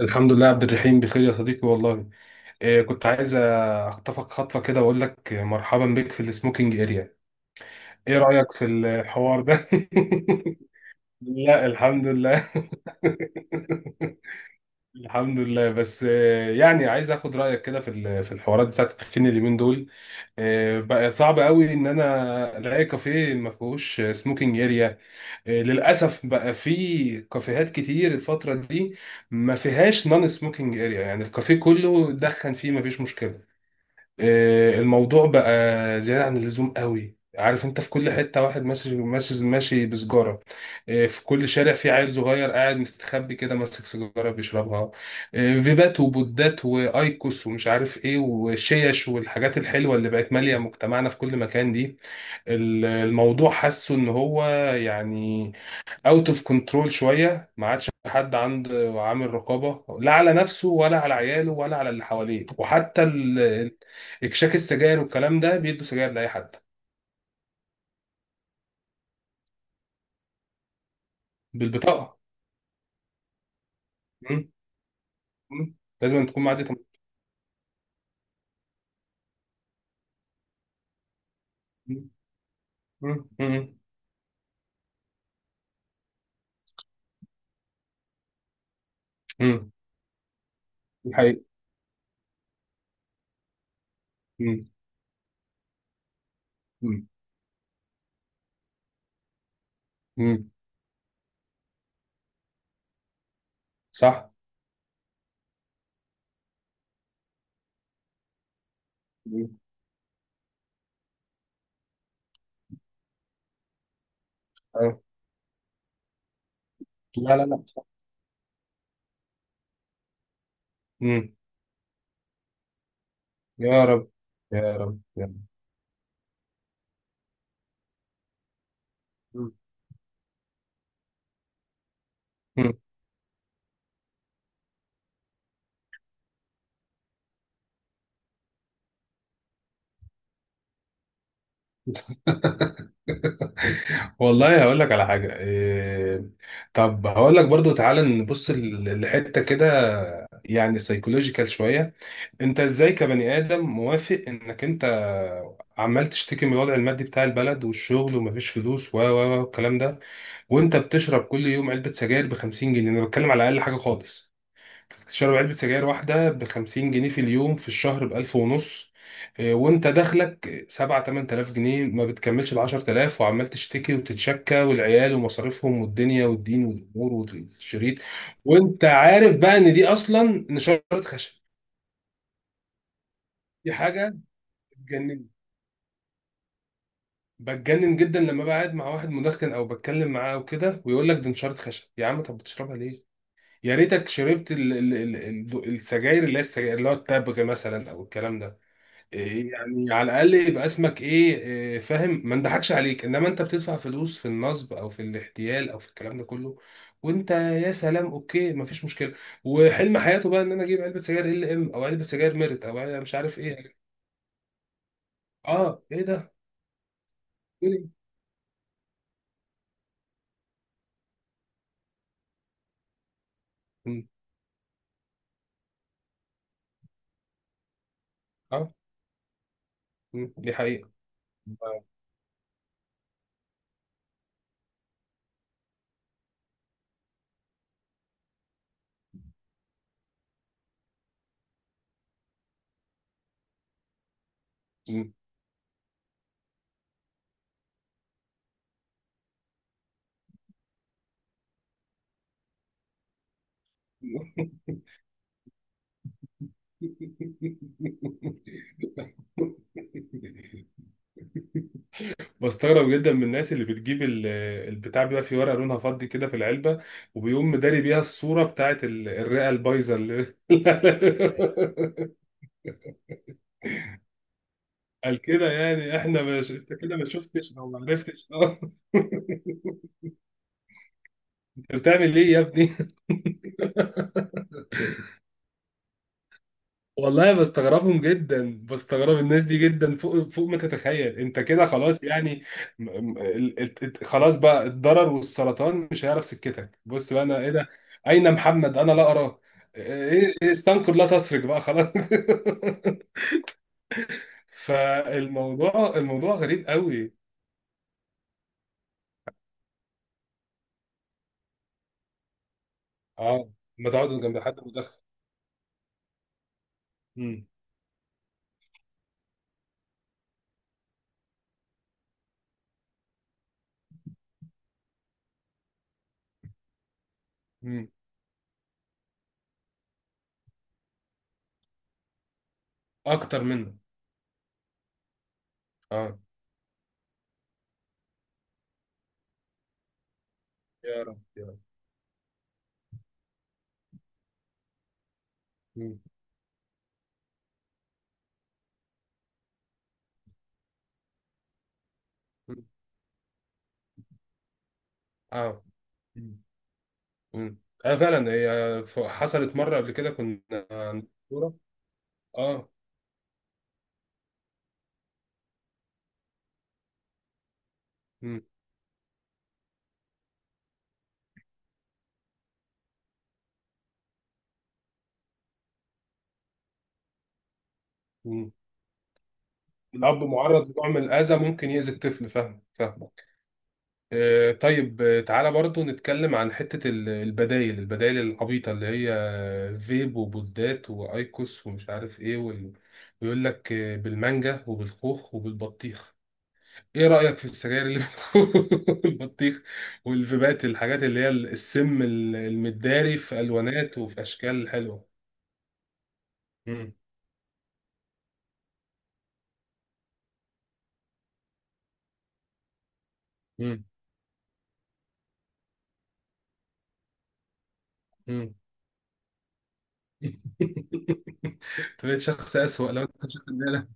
الحمد لله عبد الرحيم بخير يا صديقي والله. إيه، كنت عايز اخطفك خطفة كده واقول لك مرحبا بك في السموكينج اريا. ايه رأيك في الحوار ده؟ لا الحمد لله. الحمد لله. بس يعني عايز اخد رايك كده في في الحوارات بتاعت التدخين اليومين دول. بقى صعب قوي ان انا الاقي كافيه ما فيهوش سموكينج اريا. للاسف بقى في كافيهات كتير الفتره دي ما فيهاش نون سموكينج اريا، يعني الكافيه كله دخن فيه ما فيش مشكله. الموضوع بقى زيادة عن اللزوم قوي، عارف انت، في كل حتة واحد ماشي بسجارة. في كل شارع في عيل صغير قاعد مستخبي كده ماسك سيجارة بيشربها. فيبات وبودات وايكوس ومش عارف ايه وشيش والحاجات الحلوة اللي بقت مالية مجتمعنا في كل مكان دي. الموضوع حاسه ان هو يعني اوت اوف كنترول شويه. ما عادش حد عنده عامل رقابه، لا على نفسه ولا على عياله ولا على اللي حواليه. وحتى اكشاك السجاير والكلام ده بيدوا سجاير لاي حد بالبطاقه. مم. مم. لازم أن تكون معدي مم. مم. مم. مم. دي حقيقة. مم. مم. مم. صح. مم. أيوة. لا لا لا. مم. يا رب. يا رب يا رب. مم. والله هقول لك على حاجة إيه. طب هقول لك برضو، تعالى نبص لحتة كده يعني سيكولوجيكال شوية. انت ازاي كبني آدم موافق انك انت عمال تشتكي من الوضع المادي بتاع البلد والشغل ومفيش فلوس و الكلام ده، وانت بتشرب كل يوم علبة سجاير ب 50 جنيه؟ انا بتكلم على اقل حاجة خالص. تشرب علبة سجاير واحدة بخمسين جنيه في اليوم، في الشهر بألف ونص. وانت دخلك سبعة تمن تلاف جنيه، ما بتكملش العشر تلاف، وعمال تشتكي وتتشكى والعيال ومصاريفهم والدنيا والدين والأمور والشريط، وانت عارف بقى ان دي أصلا نشارة خشب. دي حاجة بتجنن بتجنن جدا لما بقعد مع واحد مدخن أو بتكلم معاه وكده ويقول لك دي نشارة خشب. يا عم، طب بتشربها ليه؟ يا ريتك شربت ال السجاير اللي هي السجاير اللي هو التبغ مثلا أو الكلام ده. إيه يعني، على الاقل يبقى اسمك ايه، فاهم، ما نضحكش عليك. انما انت بتدفع فلوس في النصب او في الاحتيال او في الكلام ده كله، وانت يا سلام، اوكي ما فيش مشكله، وحلم حياته بقى ان انا اجيب علبه سجاير ال ام او علبه سجاير ميرت او علبة مش عارف ايه. اه ايه ده؟ إيه؟ م، اه. دي حقيقه. م. بستغرب جدا من الناس اللي بتجيب البتاع بيبقى في ورقه لونها فضي كده في العلبه، وبيقوم مداري بيها الصوره بتاعت الرئه البايظه اللي قال كده، يعني احنا مش انت كده ما شفتش او ما عرفتش، اه. انت بتعمل ايه يا ابني؟ والله بستغربهم جدا، بستغرب الناس دي جدا، فوق ما تتخيل. انت كده خلاص يعني خلاص بقى، الضرر والسرطان مش هيعرف سكتك. بص بقى، انا ايه ده، اين محمد انا لا اراه، ايه إيه السنكر، لا تسرق بقى خلاص. فالموضوع، الموضوع غريب قوي. اه، ما تقعدوا جنب حد مدخن. مم. مم. اكتر منه. اه. يا رب يا رب. مم. مم. اه. مم. مم. اه، فعلا هي حصلت مره قبل كده كنا كورة. اه. مم. مم. الأب معرض لنوع من الأذى ممكن يأذي الطفل، فاهم، فاهمك. آه طيب، تعالى برضو نتكلم عن حتة البدايل، العبيطة اللي هي فيب وبودات وأيكوس ومش عارف إيه وال. ويقول لك بالمانجا وبالخوخ وبالبطيخ. إيه رأيك في السجاير اللي بالبطيخ، والفيبات، الحاجات اللي هي السم المداري في ألوانات وفي أشكال حلوة. مم. مم. انت بقيت شخص أسوأ لو انت مش واخد بالك.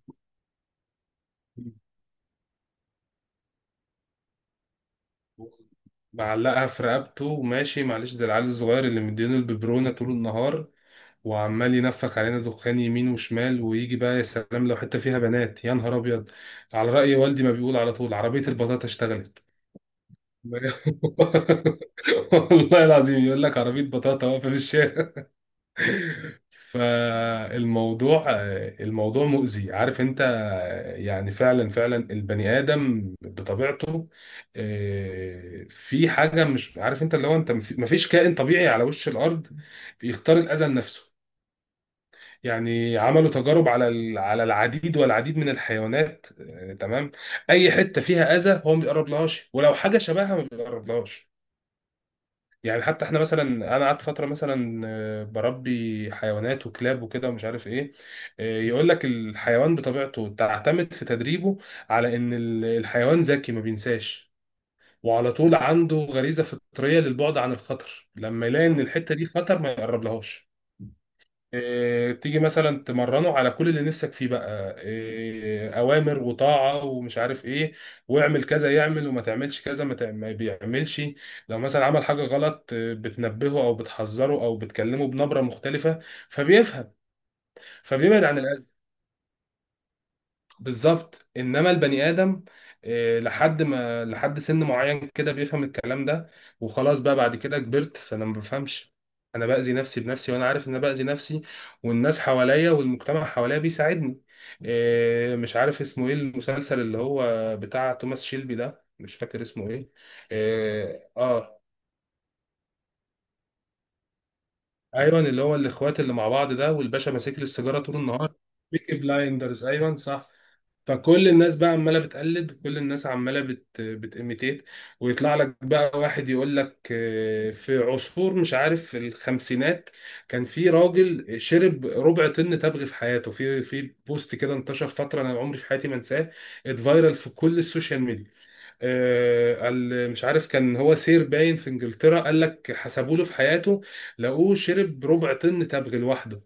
معلقها في رقبته وماشي، معلش، زي العيال الصغير اللي مدينه الببرونة طول النهار، وعمال ينفخ علينا دخان يمين وشمال. ويجي بقى، يا سلام، لو حتة فيها بنات، يا نهار أبيض! على رأي والدي ما بيقول على طول: عربية البطاطا اشتغلت. والله العظيم يقول لك عربية بطاطا واقفة في الشارع. فالموضوع، الموضوع مؤذي، عارف انت. يعني فعلا، البني ادم بطبيعته في حاجه مش عارف انت، اللي هو انت مفيش كائن طبيعي على وش الارض بيختار الاذى لنفسه. يعني عملوا تجارب على على العديد والعديد من الحيوانات، تمام، اي حته فيها اذى هو ما بيقربلهاش، ولو حاجه شبهها ما بيقربلهاش. يعني حتى احنا مثلا، انا قعدت فتره مثلا بربي حيوانات وكلاب وكده ومش عارف ايه. يقول لك الحيوان بطبيعته تعتمد في تدريبه على ان الحيوان ذكي ما بينساش، وعلى طول عنده غريزه فطريه للبعد عن الخطر، لما يلاقي ان الحته دي خطر ما يقرب لهاش. تيجي مثلا تمرنه على كل اللي نفسك فيه بقى، اوامر وطاعه ومش عارف ايه، واعمل كذا يعمل، وما تعملش كذا ما بيعملش. لو مثلا عمل حاجه غلط، بتنبهه او بتحذره او بتكلمه بنبره مختلفه، فبيفهم، فبيبعد عن الاذى. بالظبط. انما البني ادم لحد ما، لحد سن معين كده بيفهم الكلام ده، وخلاص بقى بعد كده كبرت فانا ما بفهمش. انا باذي نفسي بنفسي وانا عارف ان انا باذي نفسي، والناس حواليا والمجتمع حواليا بيساعدني. مش عارف اسمه ايه المسلسل اللي هو بتاع توماس شيلبي ده، مش فاكر اسمه ايه. اه، ايوه، اللي هو الاخوات اللي مع بعض ده والباشا ماسك لي السيجاره طول النهار. بيكي بلايندرز، ايوه صح. فكل الناس بقى عماله بتقلد، كل الناس عماله بتيميتيت. ويطلع لك بقى واحد يقول لك في عصفور مش عارف في الخمسينات كان في راجل شرب ربع طن تبغ في حياته، في بوست كده انتشر فتره، انا عمري في حياتي ما انساه، اتفايرل في كل السوشيال ميديا. قال مش عارف كان هو سير باين في انجلترا، قال لك حسبوا له في حياته لقوه شرب ربع طن تبغ لوحده،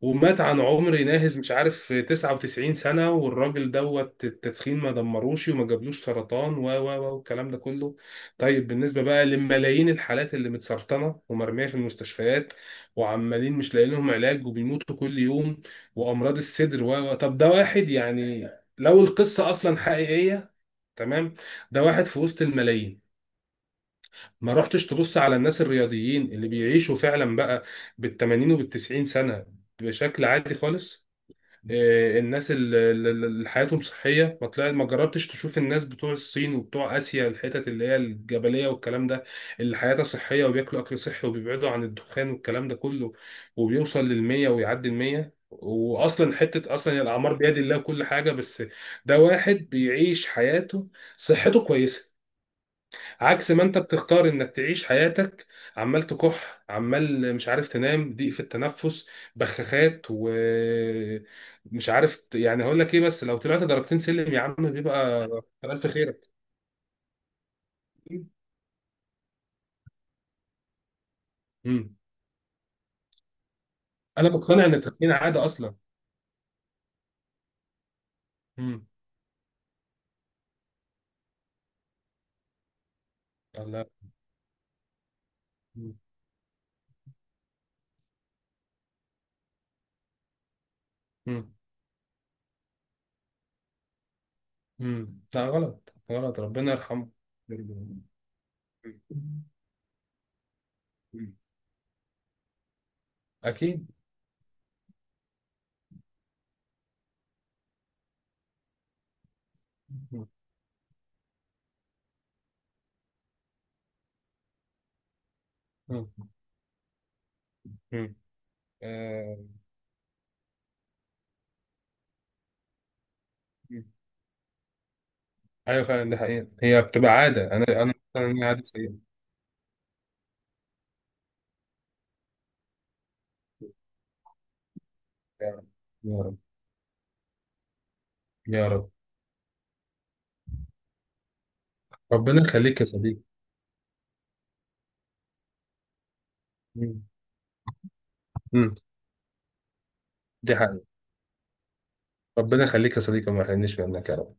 ومات عن عمر ناهز مش عارف 99 سنة، والراجل دوت التدخين ما دمروش وما جابلوش سرطان و والكلام ده كله. طيب بالنسبة بقى لملايين الحالات اللي متسرطنة ومرمية في المستشفيات وعمالين مش لاقيين لهم علاج وبيموتوا كل يوم، وأمراض الصدر و طب، ده واحد يعني، لو القصة أصلا حقيقية، تمام، ده واحد في وسط الملايين. ما رحتش تبص على الناس الرياضيين اللي بيعيشوا فعلا بقى بال 80 وبال 90 سنة بشكل عادي خالص؟ الناس اللي حياتهم صحية، ما طلعت ما جربتش تشوف الناس بتوع الصين وبتوع آسيا، الحتت اللي هي الجبلية والكلام ده، اللي حياتها صحية وبياكلوا أكل صحي وبيبعدوا عن الدخان والكلام ده كله، وبيوصل للمية ويعدي المية؟ وأصلا حتة أصلا الأعمار بيد الله، كل حاجة بس، ده واحد بيعيش حياته صحته كويسة، عكس ما انت بتختار انك تعيش حياتك، عمال تكح، عمال مش عارف تنام، ضيق في التنفس، بخاخات ومش عارف يعني هقول لك ايه، بس لو طلعت درجتين سلم يا عم بيبقى كتر الف خيرك. مم. انا مقتنع ان التدخين عاده اصلا. مم. الله. مم. مم. لا غلط غلط، ربنا يرحمه. مم. مم. اكيد. مم. مم. مم. آه. ايوه فعلا دي حقيقة، هي بتبقى عادة، انا مثلا هي عادة سيئة. يا رب. يا رب يا رب. ربنا يخليك يا صديقي. مم. مم. دي حقيقة. ربنا يخليك يا صديقي وما يحرمنيش منك يا رب.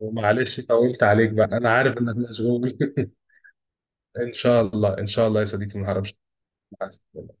ومعلش طولت عليك بقى، انا عارف انك مشغول. ان شاء الله، ان شاع الله يا صديقي ما هربش. مع السلامة.